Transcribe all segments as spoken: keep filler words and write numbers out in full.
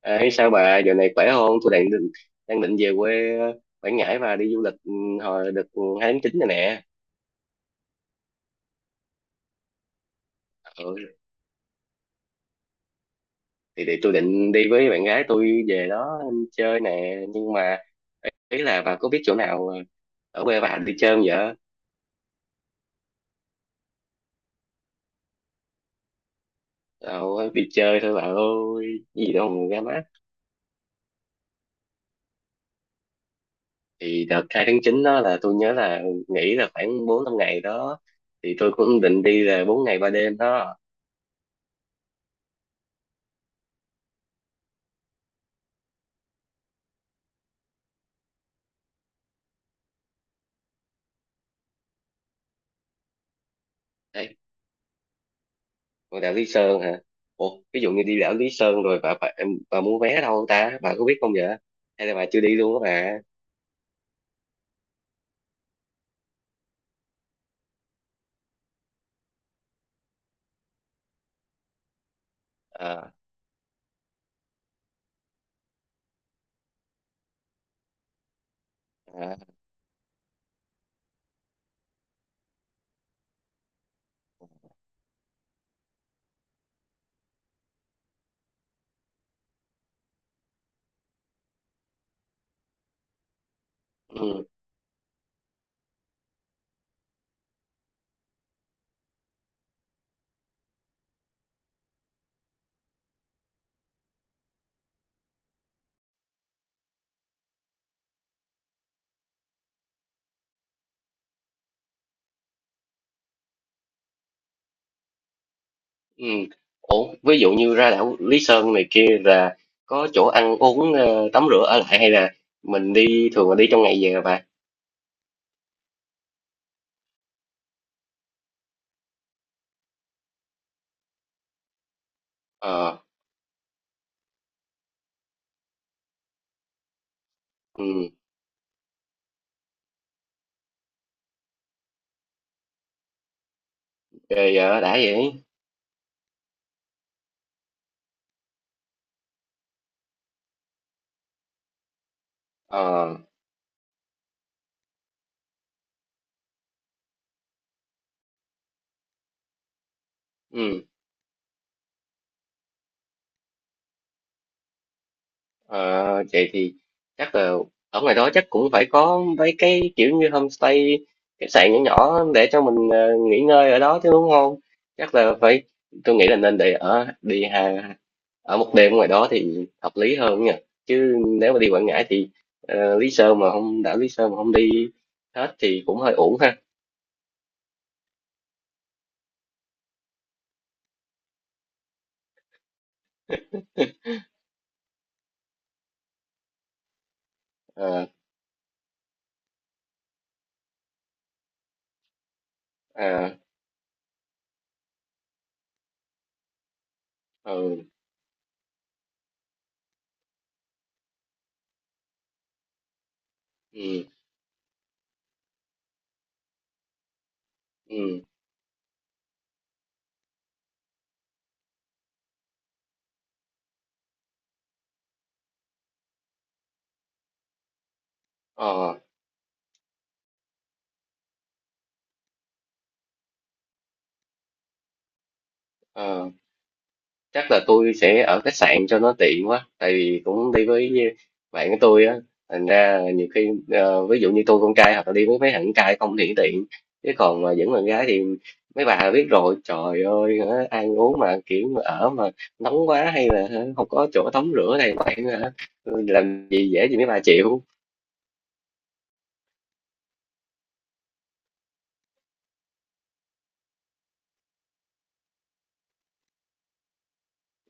Ê, sao bà giờ này khỏe không? Tôi đang định đang định về quê ờ, Quảng Ngãi và đi du lịch ừ, hồi đợt hai tháng chín này nè. Ừ, thì, thì tôi định đi với bạn gái tôi về đó chơi nè, nhưng mà ý là bà có biết chỗ nào ờ, ở quê bà đi chơi không vậy? Đâu, đi chơi thôi bà ơi, gì đâu mà ra mắt. Thì đợt hai tháng chín đó là tôi nhớ là nghỉ là khoảng bốn năm ngày đó, thì tôi cũng định đi là bốn ngày ba đêm đó. Ngôi đảo Lý Sơn hả? Ủa, ví dụ như đi đảo Lý Sơn rồi bà, bà, em, bà mua vé đâu ta? Bà có biết không vậy? Hay là bà chưa đi luôn á bà? Ờ. À. Ừ, ừ. Ủa, ví dụ như ra đảo Lý Sơn này kia là có chỗ ăn uống, ờ, tắm rửa, ở lại, hay là mình đi thường là đi trong ngày về hả bà? Ờ, ừ, ghê vậy đã vậy. Ờ, ừ. Ờ, vậy thì chắc là ở ngoài đó chắc cũng phải có mấy cái kiểu như homestay, khách sạn nhỏ nhỏ để cho mình ờ, nghỉ ngơi ở đó chứ, đúng không? Chắc là phải, tôi nghĩ là nên để ở đi hà, ở một đêm ngoài đó thì hợp lý hơn nha. Chứ nếu mà đi Quảng Ngãi thì ờ, Lý Sơn mà không đảo Lý Sơn mà không đi hết thì cũng hơi uổng ha. Ờ. À. Ừ, ừ, ừ. Ờ, ờ. Chắc là tôi sẽ ở khách sạn cho nó tiện quá, tại vì cũng đi với bạn của tôi á, thành ra nhiều khi ờ, ví dụ như tôi con trai hoặc là đi với mấy thằng con trai không thì tiện, chứ còn mà dẫn bạn gái thì mấy bà biết rồi, trời ơi hả, ăn uống mà kiểu mà ở mà nóng quá, hay là hả, không có chỗ tắm rửa này bạn hả, làm gì dễ gì mấy bà chịu.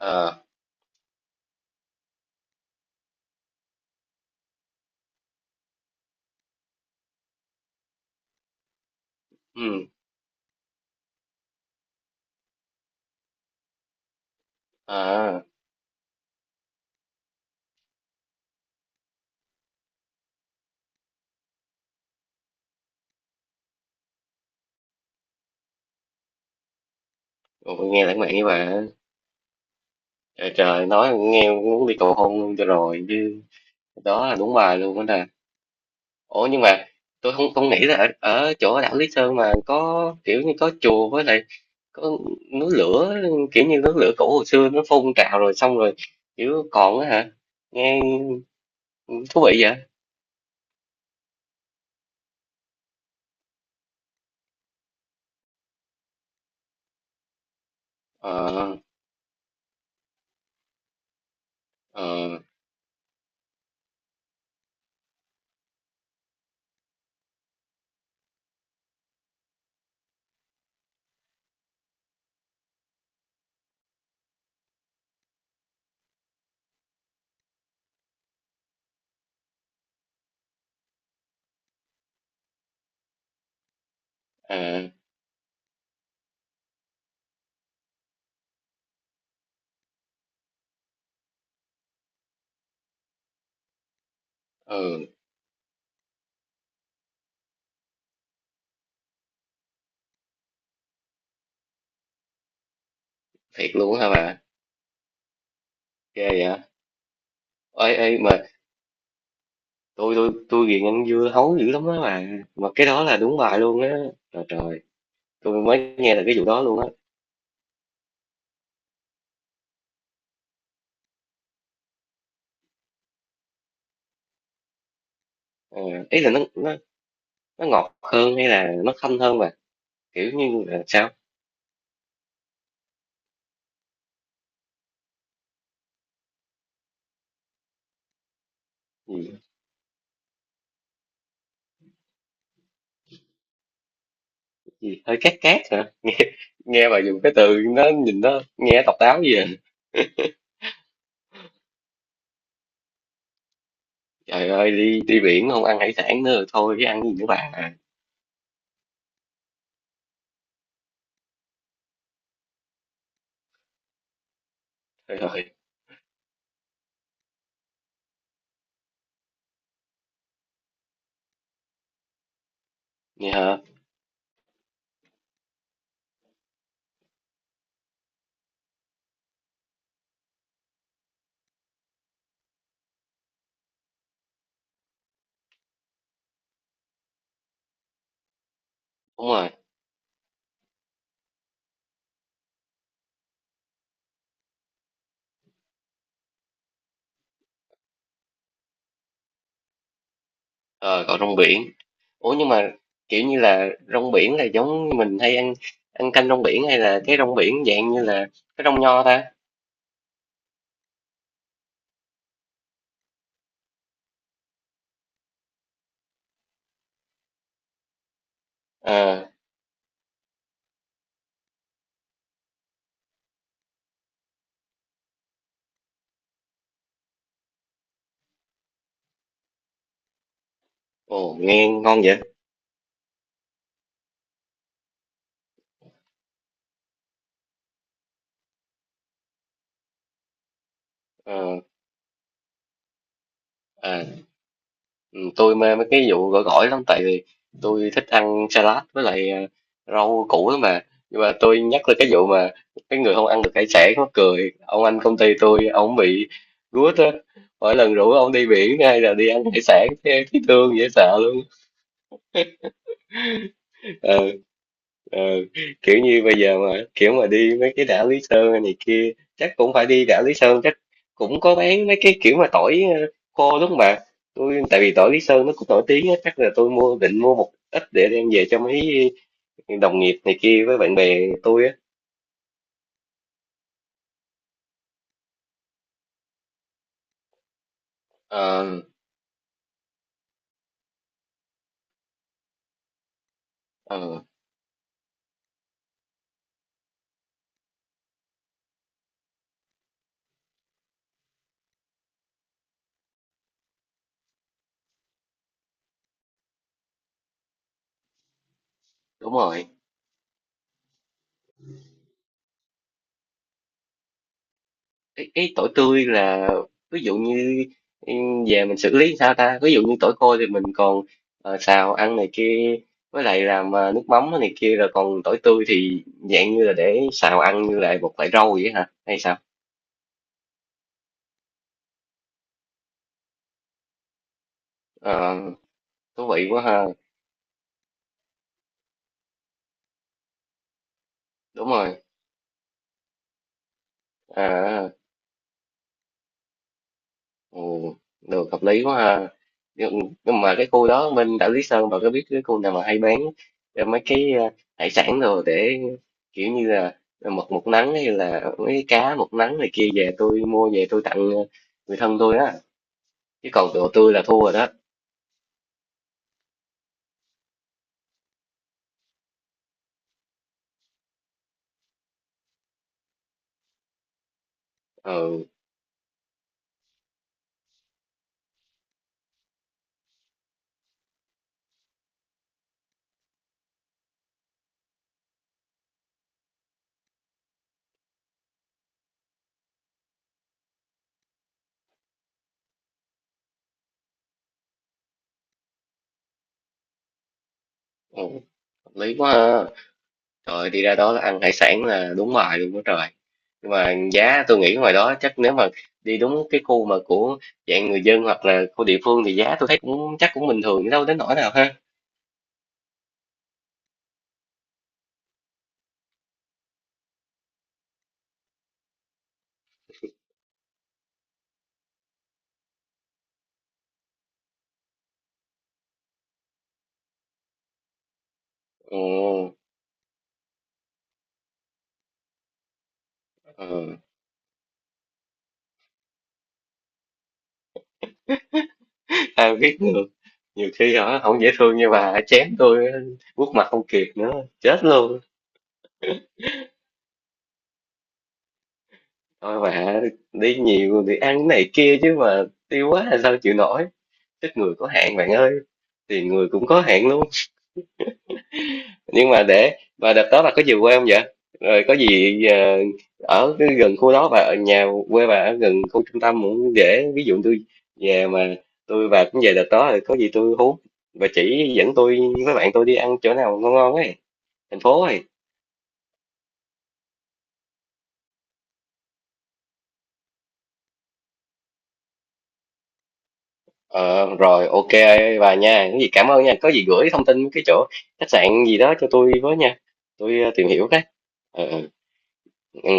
Ờ. Ừ. À. Nghe lãng mạn như vậy hả? Trời trời, nói nghe muốn đi cầu hôn luôn cho rồi chứ, đó là đúng bài luôn đó nè. Ủa nhưng mà tôi không không nghĩ là ở, ở chỗ đảo Lý Sơn mà có kiểu như có chùa, với lại có núi lửa, kiểu như núi lửa cổ hồi xưa nó phun trào rồi xong rồi kiểu còn á hả, nghe thú vị vậy. Ờ. Ờ. Ờ. Ừ, thiệt luôn á hả bà? Ghê vậy. Ê ê mà tôi tôi tôi ghiền ăn dưa hấu dữ lắm á bà, mà cái đó là đúng bài luôn á. Trời trời, tôi mới nghe được cái vụ đó luôn á. Ờ, ý là nó nó nó ngọt hơn hay là nó thanh hơn bà, kiểu như là sao? Gì, gì hơi cát cát hả? Nghe bà dùng cái từ nó nhìn nó nghe độc đáo gì vậy? Trời ơi, đi đi biển không ăn hải sản nữa rồi, thôi chứ ăn gì nữa bà. Trời ơi, nghe hả? Đúng rồi. Ờ, còn rong biển. Ủa nhưng mà kiểu như là rong biển là giống như mình hay ăn, ăn canh rong biển, hay là cái rong biển dạng như là cái rong nho ta? Ờ. Ồ, nghe ngon vậy. Ờ. À. Ừ, tôi mê mấy cái vụ gỏi gỏi lắm, tại vì tôi thích ăn salad với lại à, rau củ lắm, mà nhưng mà tôi nhắc tới cái vụ mà cái người không ăn được hải sản mắc cười, ông anh công ty tôi ông bị gút á, mỗi lần rủ ông đi biển hay là đi ăn hải sản thấy thấy thương dễ sợ luôn. Ờ. Ờ. Kiểu như bây giờ mà kiểu mà đi mấy cái đảo Lý Sơn hay này kia chắc cũng phải đi đảo Lý Sơn, chắc cũng có bán mấy cái kiểu mà tỏi ờ, khô đúng không bà? Tôi tại vì tỏi Lý Sơn nó cũng nổi tiếng á, chắc là tôi mua định mua một ít để đem về cho mấy đồng nghiệp này kia với bạn bè tôi á. Ờ. Ờ. Đúng rồi. Cái, cái tỏi tươi là ví dụ như em về mình xử lý sao ta, ví dụ như tỏi khô thì mình còn ờ, xào ăn này kia, với lại làm ờ, nước mắm này kia, rồi còn tỏi tươi thì dạng như là để xào ăn như là một loại rau vậy hả hay sao? Ờ, thú vị quá ha, đúng rồi. À, ồ, được, hợp lý quá ha. Nhưng, nhưng mà cái khu đó bên đảo Lý Sơn bà có biết cái khu nào mà hay bán ờ, mấy cái ờ, hải sản rồi để kiểu như là mực một nắng, hay là mấy cái cá một nắng này kia, về tôi mua về tôi tặng ờ, người thân tôi á, chứ còn đồ tươi là thua rồi đó. Ừ. Ừ, hợp lý quá ha. Trời, đi ra đó là ăn hải sản là đúng bài luôn đó trời. Nhưng mà giá tôi nghĩ ngoài đó chắc nếu mà đi đúng cái khu mà của dạng người dân hoặc là khu địa phương thì giá tôi thấy cũng chắc cũng bình thường, đâu đến nỗi nào ha. Ừ, ừ. Ai biết được. Nhiều khi họ không dễ thương như bà, chém tôi quốc mặt không kịp nữa, chết luôn. Thôi bà, đi nhiều thì ăn cái này kia chứ mà tiêu quá là sao chịu nổi. Sức người có hạn bạn ơi, tiền người cũng có hạn luôn. Nhưng mà để, và đợt đó bà có về quê không vậy, rồi có gì ờ, ở cái gần khu đó, và ở nhà quê bà ở gần khu trung tâm cũng dễ, ví dụ tôi về mà, tôi và cũng về đợt đó, rồi có gì tôi hú và chỉ dẫn tôi với bạn tôi đi ăn chỗ nào ngon ngon ấy, thành phố ấy. Ờ, rồi ok bà nha, cái gì cảm ơn nha, có gì gửi thông tin cái chỗ khách sạn gì đó cho tôi với nha, tôi ờ, tìm hiểu cái. Ờ, ừ. Ừ.